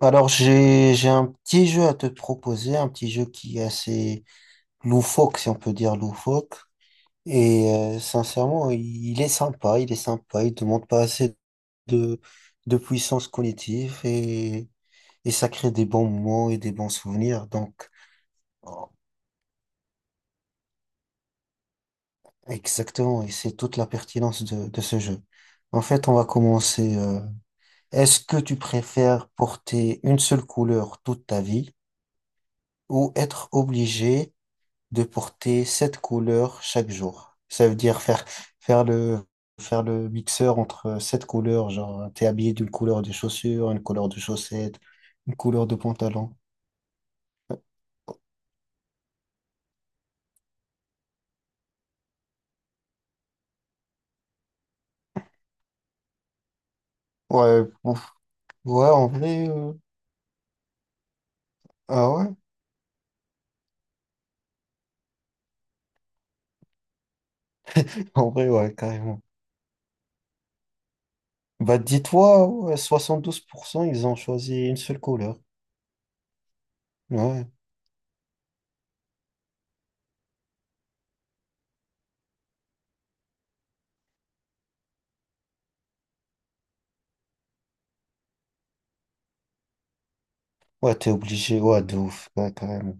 Alors, j'ai un petit jeu à te proposer, un petit jeu qui est assez loufoque, si on peut dire loufoque. Et sincèrement, il est sympa, il ne demande pas assez de, de puissance cognitive et ça crée des bons moments et des bons souvenirs. Donc, oh, exactement, et c'est toute la pertinence de ce jeu. En fait, on va commencer. Est-ce que tu préfères porter une seule couleur toute ta vie ou être obligé de porter sept couleurs chaque jour? Ça veut dire faire le, faire le mixeur entre sept couleurs, genre t'es habillé d'une couleur de chaussures, une couleur de chaussettes, une couleur de pantalon. Ouais, ouf. Ouais, en vrai, ah ouais, en vrai, ouais, carrément. Bah dis-toi, ouais, 72%, ils ont choisi une seule couleur. Ouais, ouais, t'es obligé, ouais, de ouf, ouais, carrément.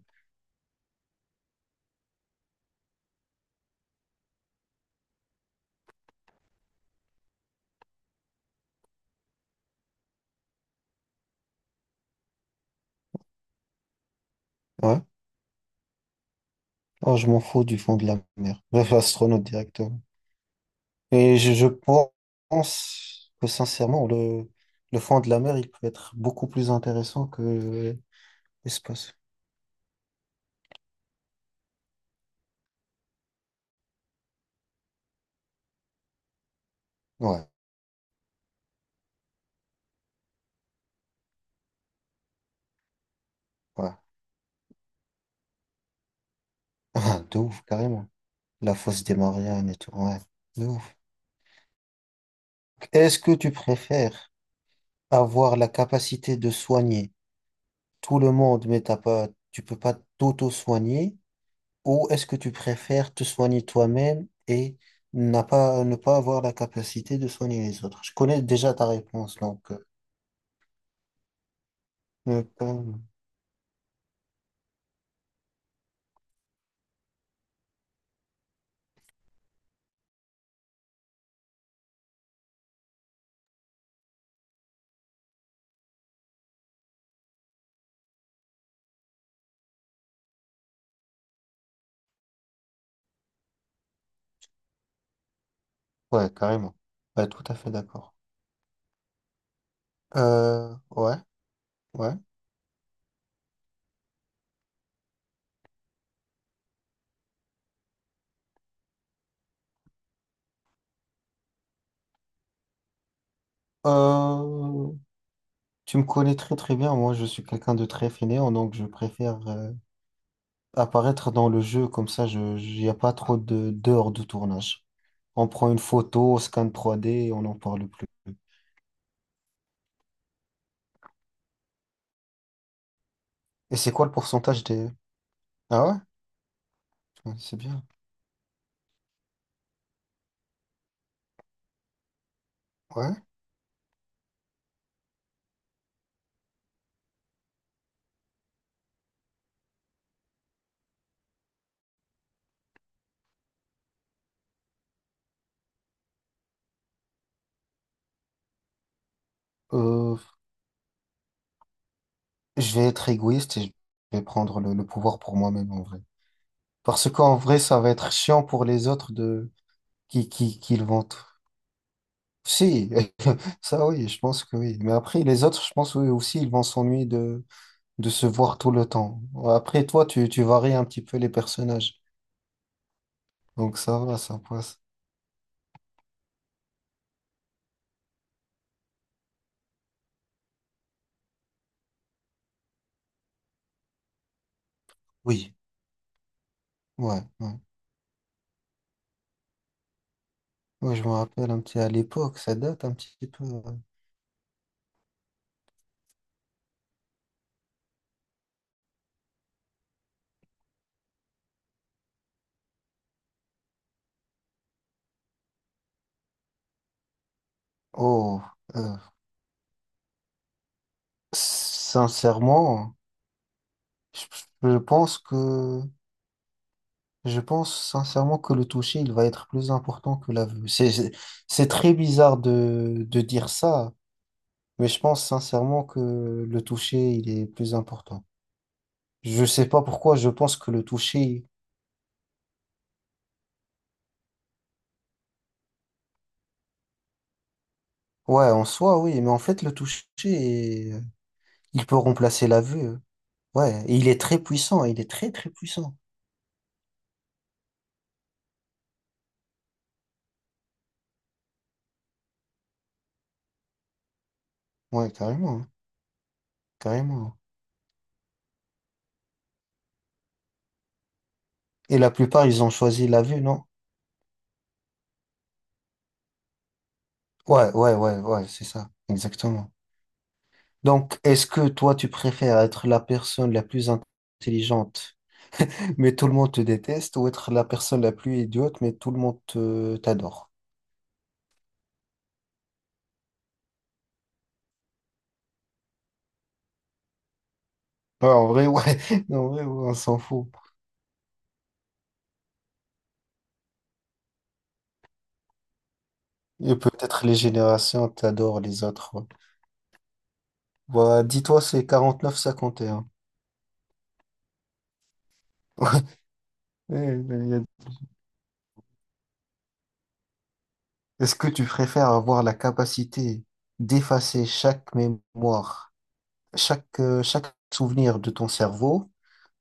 Ouais, oh, je m'en fous du fond de la mer. Bref, astronaute directeur. Et je pense que sincèrement, le fond de la mer, il peut être beaucoup plus intéressant que l'espace. Ouais, ouais. Ah, de ouf, carrément. La fosse des Mariannes et tout. Ouais, de ouf. Est-ce que tu préfères avoir la capacité de soigner tout le monde, mais t'as pas, tu peux pas t'auto-soigner, ou est-ce que tu préfères te soigner toi-même et n'a pas, ne pas avoir la capacité de soigner les autres? Je connais déjà ta réponse, donc. euh, euh, Ouais, carrément. Ouais, tout à fait d'accord. Ouais, ouais. Euh, Tu me connais très très bien. Moi, je suis quelqu'un de très fainéant, donc je préfère apparaître dans le jeu comme ça. Il n'y a pas trop de d'heures de tournage. On prend une photo, scan 3D et on n'en parle plus. Et c'est quoi le pourcentage des... Ah ouais? Ouais, c'est bien. Ouais. Euh, je vais être égoïste et je vais prendre le pouvoir pour moi-même en vrai. Parce qu'en vrai, ça va être chiant pour les autres de qui le vont. Si, ça oui, je pense que oui. Mais après, les autres, je pense oui, aussi, ils vont s'ennuyer de se voir tout le temps. Après, toi, tu varies un petit peu les personnages. Donc ça va, ça passe. Oui, ouais, ouais. Ouais, je me rappelle un petit à l'époque, ça date un petit peu. Ouais. Oh, euh, sincèrement, je, je pense que je pense sincèrement que le toucher, il va être plus important que la vue. C'est très bizarre de dire ça. Mais je pense sincèrement que le toucher, il est plus important. Je sais pas pourquoi, je pense que le toucher, ouais, en soi, oui, mais en fait, le toucher, il peut remplacer la vue. Ouais, et il est très puissant, il est très très puissant. Ouais, carrément, hein, carrément. Et la plupart, ils ont choisi la vue, non? Ouais, ouais, ouais, ouais, c'est ça, exactement. Donc, est-ce que toi, tu préfères être la personne la plus intelligente, mais tout le monde te déteste, ou être la personne la plus idiote, mais tout le monde t'adore? Ouais, en vrai, ouais. En vrai, ouais, on s'en fout. Et peut-être les générations t'adorent les autres. Ouais. Bah, dis-toi, c'est 49-51. Ouais, mais est-ce que tu préfères avoir la capacité d'effacer chaque mémoire, chaque souvenir de ton cerveau,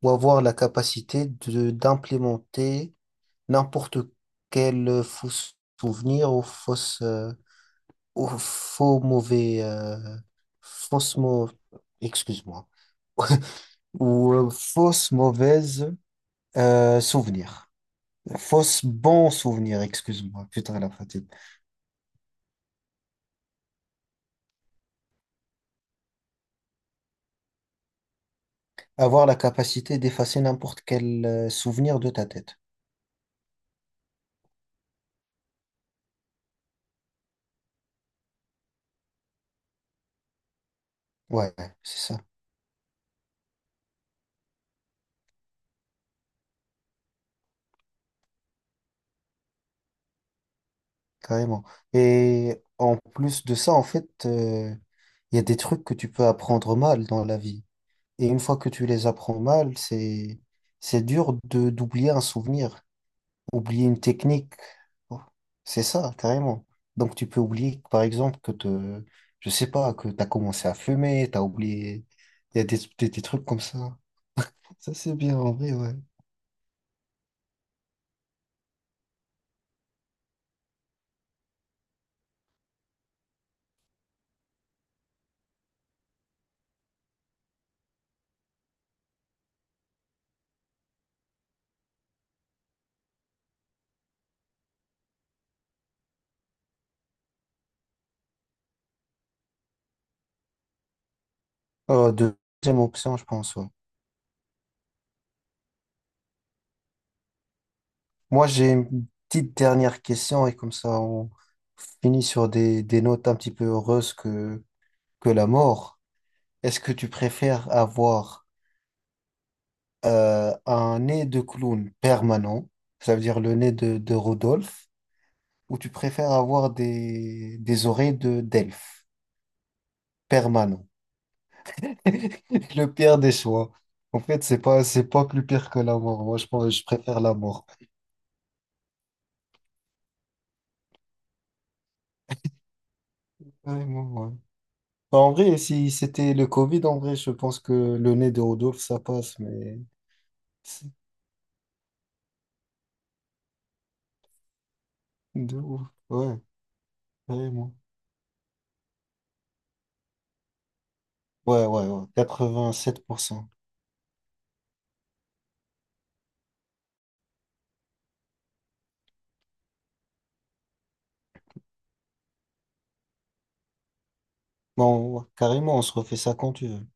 ou avoir la capacité de d'implémenter n'importe quel faux souvenir ou ou faux mauvais, fausse mau- excuse-moi, ou fausse mauvaise souvenir. Fausse bon souvenir, excuse-moi, putain la fatigue. Avoir la capacité d'effacer n'importe quel souvenir de ta tête. Ouais, c'est ça, carrément. Et en plus de ça, en fait, il y a des trucs que tu peux apprendre mal dans la vie. Et une fois que tu les apprends mal, c'est dur de d'oublier un souvenir. Oublier une technique. Oh, c'est ça, carrément. Donc tu peux oublier, par exemple, je sais pas, que tu as commencé à fumer, tu as oublié. Il y a des trucs comme ça. Ça, c'est bien en vrai, ouais. Deuxième option, je pense, ouais. Moi, j'ai une petite dernière question et comme ça, on finit sur des notes un petit peu heureuses que la mort. Est-ce que tu préfères avoir un nez de clown permanent, ça veut dire le nez de Rodolphe, ou tu préfères avoir des oreilles de d'elfe permanent? Le pire des choix. En fait, c'est pas plus pire que la mort. Moi, je pense, je préfère la mort. Vraiment, ouais. En vrai, si c'était le Covid, en vrai, je pense que le nez de Rodolphe, ça passe, mais c'est de ouf. Ouais, carrément. Ouais, ouais, ouais. 87%. Bon, ouais, carrément, on se refait ça quand tu veux.